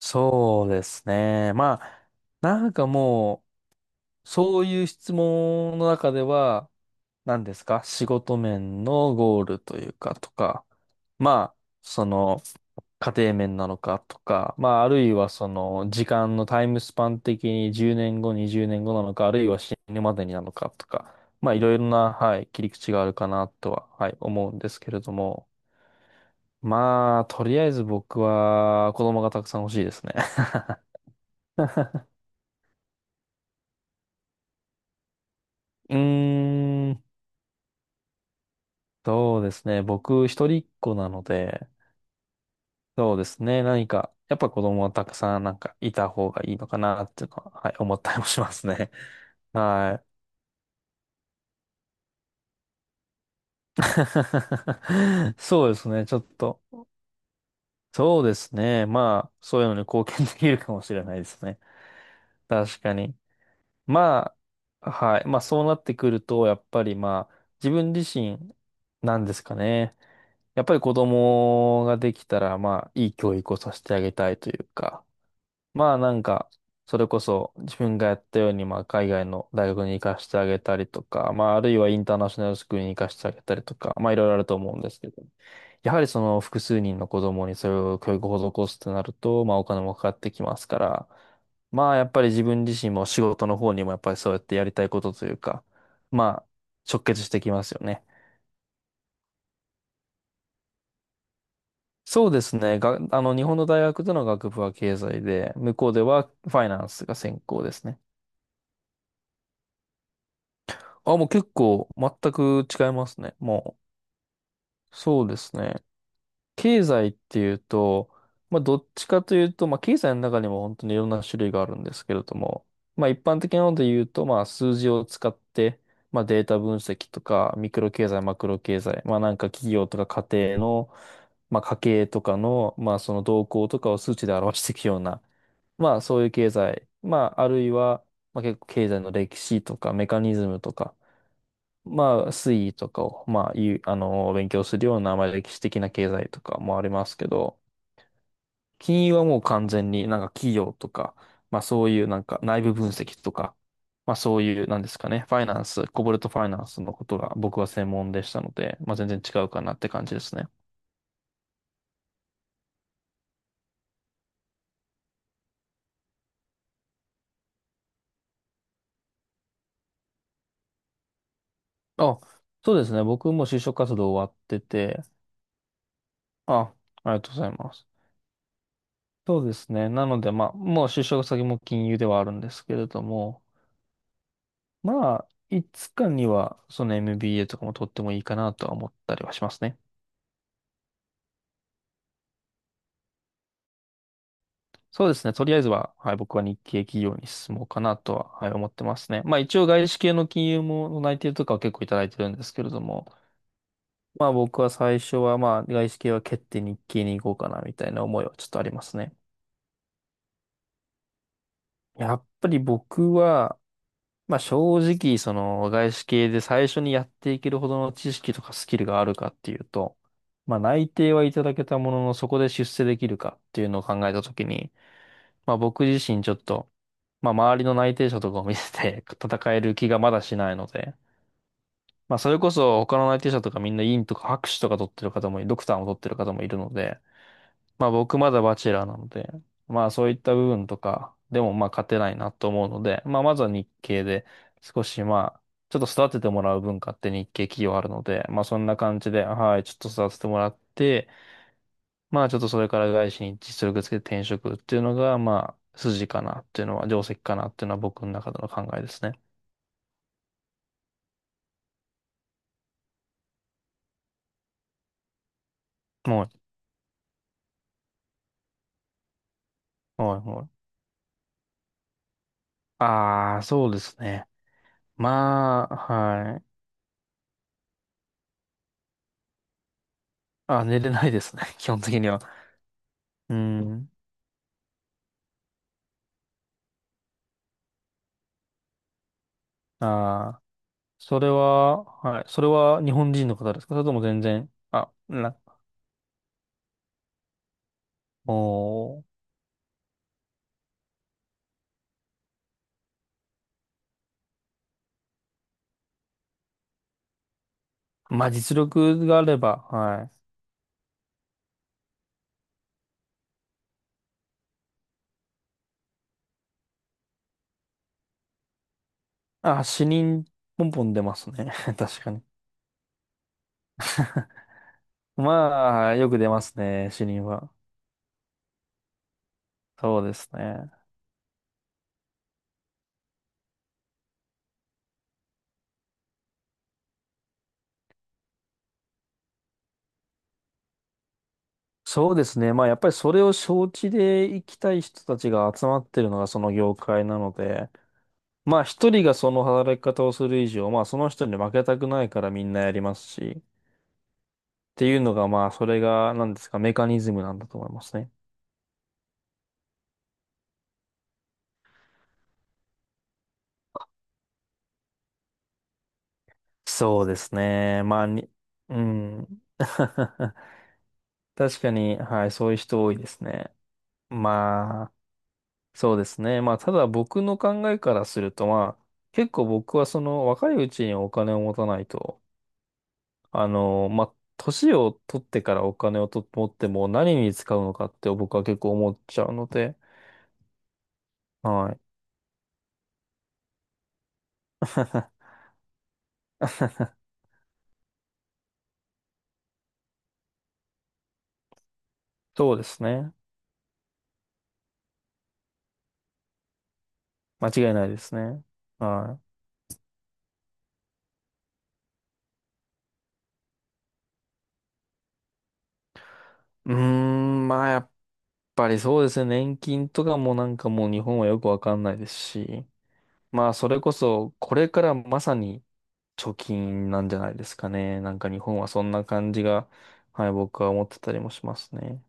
そうですね。まあ、なんかもう、そういう質問の中では、何ですか、仕事面のゴールというか、とか、まあ、その、家庭面なのかとか、まあ、あるいは時間のタイムスパン的に10年後、20年後なのか、あるいは死ぬまでになのかとか、まあ、いろいろな、はい、切り口があるかなとは、はい、思うんですけれども、まあ、とりあえず僕は、子供がたくさん欲しいですね。うーん、そうですね。僕、一人っ子なので、そうですね。何か、やっぱ子供はたくさんなんかいた方がいいのかなっていうのは、はい、思ったりもしますね。はい。そうですね。ちょっと。そうですね。まあ、そういうのに貢献できるかもしれないですね。確かに。まあ、はい。まあ、そうなってくると、やっぱりまあ、自分自身なんですかね。やっぱり子供ができたら、まあ、いい教育をさせてあげたいというか、まあなんか、それこそ自分がやったように、まあ海外の大学に行かせてあげたりとか、まああるいはインターナショナルスクールに行かせてあげたりとか、まあいろいろあると思うんですけど、やはりその複数人の子供にそれを教育を施すとなると、まあお金もかかってきますから、まあやっぱり自分自身も仕事の方にもやっぱりそうやってやりたいことというか、まあ直結してきますよね。そうですね。が、あの、日本の大学での学部は経済で、向こうではファイナンスが専攻ですね。あ、もう結構全く違いますね。もう、そうですね。経済っていうと、まあ、どっちかというと、まあ、経済の中にも本当にいろんな種類があるんですけれども、まあ、一般的なので言うと、まあ、数字を使って、まあ、データ分析とか、ミクロ経済、マクロ経済、まあ、なんか企業とか家庭の、まあ、家計とかの、まあ、その動向とかを数値で表していくような、まあそういう経済、まああるいは、まあ結構経済の歴史とかメカニズムとか、まあ推移とかを、まあいう、勉強するような、まあ歴史的な経済とかもありますけど、金融はもう完全になんか企業とか、まあそういうなんか内部分析とか、まあそういう、なんですかね、ファイナンス、コボルトファイナンスのことが僕は専門でしたので、まあ全然違うかなって感じですね。あ、そうですね。僕も就職活動終わってて、あ、ありがとうございます。そうですね。なので、まあ、もう就職先も金融ではあるんですけれども、まあ、いつかには、その MBA とかも取ってもいいかなとは思ったりはしますね。そうですね。とりあえずは、はい、僕は日系企業に進もうかなとは、はい、思ってますね。まあ、一応外資系の金融も内定とかは結構いただいてるんですけれども、まあ、僕は最初は、まあ、外資系は蹴って日系に行こうかな、みたいな思いはちょっとありますね。やっぱり僕は、まあ正直、その外資系で最初にやっていけるほどの知識とかスキルがあるかっていうと、まあ内定はいただけたもののそこで出世できるかっていうのを考えたときに、まあ僕自身ちょっと、まあ周りの内定者とかを見せて 戦える気がまだしないので、まあそれこそ他の内定者とかみんな院とか博士とか取ってる方も、ドクターも取ってる方もいるので、まあ僕まだバチェラーなので、まあそういった部分とかでもまあ勝てないなと思うので、まあまずは日系で少しまあちょっと育ててもらう文化って日系企業あるので、まあそんな感じで、はい、ちょっと育ててもらって、まあちょっとそれから外資に実力つけて転職っていうのがまあ筋かなっていうのは、定石かなっていうのは僕の中での考えですね。もう、もう、もう。ああ、そうですね。まあ、はい。あ、寝れないですね。基本的には。うん。ああ。それは、はい。それは日本人の方ですか？それとも全然、おー、まあ、実力があれば、はい。あ、死人、ポンポン出ますね。確かに。まあ、よく出ますね、死人は。そうですね。そうですね。まあ、やっぱりそれを承知で生きたい人たちが集まってるのがその業界なので、まあ、一人がその働き方をする以上、まあ、その人に負けたくないからみんなやりますし、っていうのが、まあ、それが、なんですか、メカニズムなんだと思いますね。そうですね。まあ、に、うん。確かに、はい、そういう人多いですね。まあ、そうですね。まあ、ただ僕の考えからすると、まあ、結構僕はその若いうちにお金を持たないと、まあ、年を取ってからお金をと持っても何に使うのかって僕は結構思っちゃうので、はい。そうですね。間違いないですね。はい。うーん、まあやっぱりそうですね。年金とかもなんかもう日本はよくわかんないですし。まあそれこそこれからまさに貯金なんじゃないですかね。なんか日本はそんな感じが、はい、僕は思ってたりもしますね。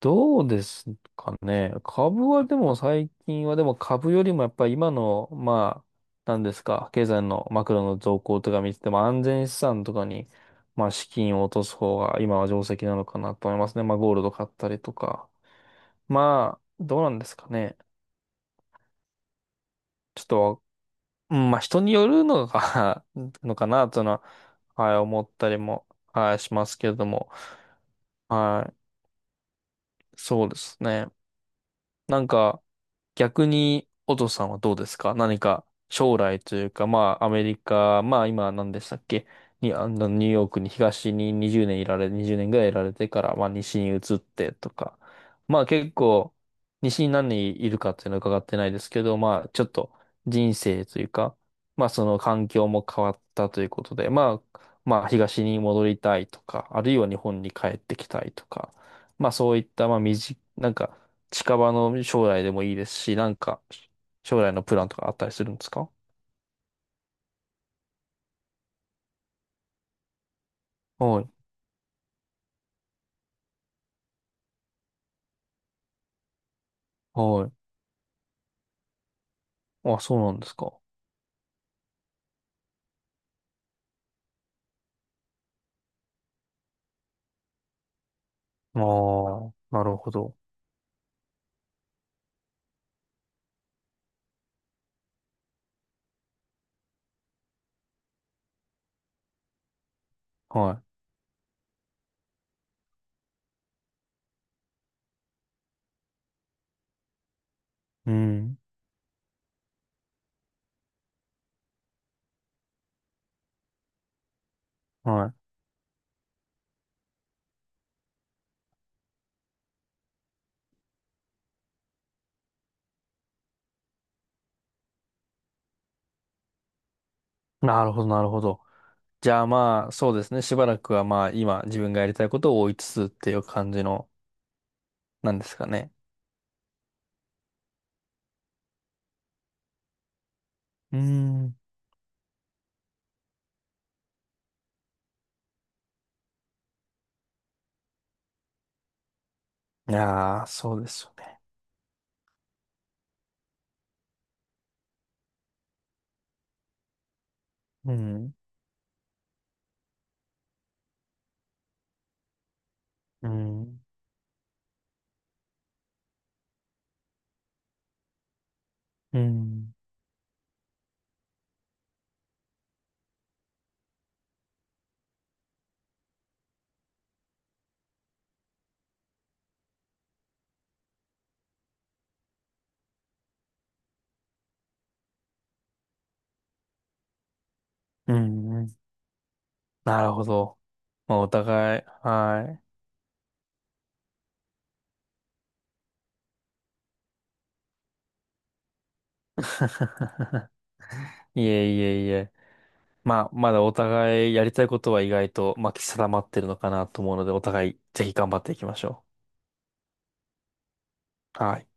どうですかね。株はでも最近はでも株よりもやっぱり今の、まあ、なんですか、経済のマクロの動向とか見てても安全資産とかに、まあ資金を落とす方が今は定石なのかなと思いますね。まあゴールド買ったりとか。まあ、どうなんですかね。ちょっと、うんまあ人によるのが のかなというのは、はい、思ったりも、はい、しますけれども。はい、そうですね。なんか、逆に、お父さんはどうですか？何か、将来というか、まあ、アメリカ、まあ、今、何でしたっけ、に、ニューヨークに東に20年いられ、20年ぐらいいられてから、まあ、西に移ってとか、まあ、結構、西に何人いるかっていうのは伺ってないですけど、まあ、ちょっと、人生というか、まあ、その環境も変わったということで、まあ、東に戻りたいとか、あるいは日本に帰ってきたいとか、まあ、そういった、まあ、身近、なんか、近場の将来でもいいですし、なんか、将来のプランとかあったりするんですか？はい。はい。あ、そうなんですか。ああ、なるほど。はい。うん。はい。なるほど、なるほど。じゃあまあ、そうですね。しばらくはまあ、今、自分がやりたいことを追いつつっていう感じの、なんですかね。うん。いやー、そうですよね。うん。うん。うん。うん。うんなるほど。まあ、お互い、はい。いえいえいえ。まあ、まだお互いやりたいことは意外と、まあ、定まってるのかなと思うので、お互いぜひ頑張っていきましょう。はい。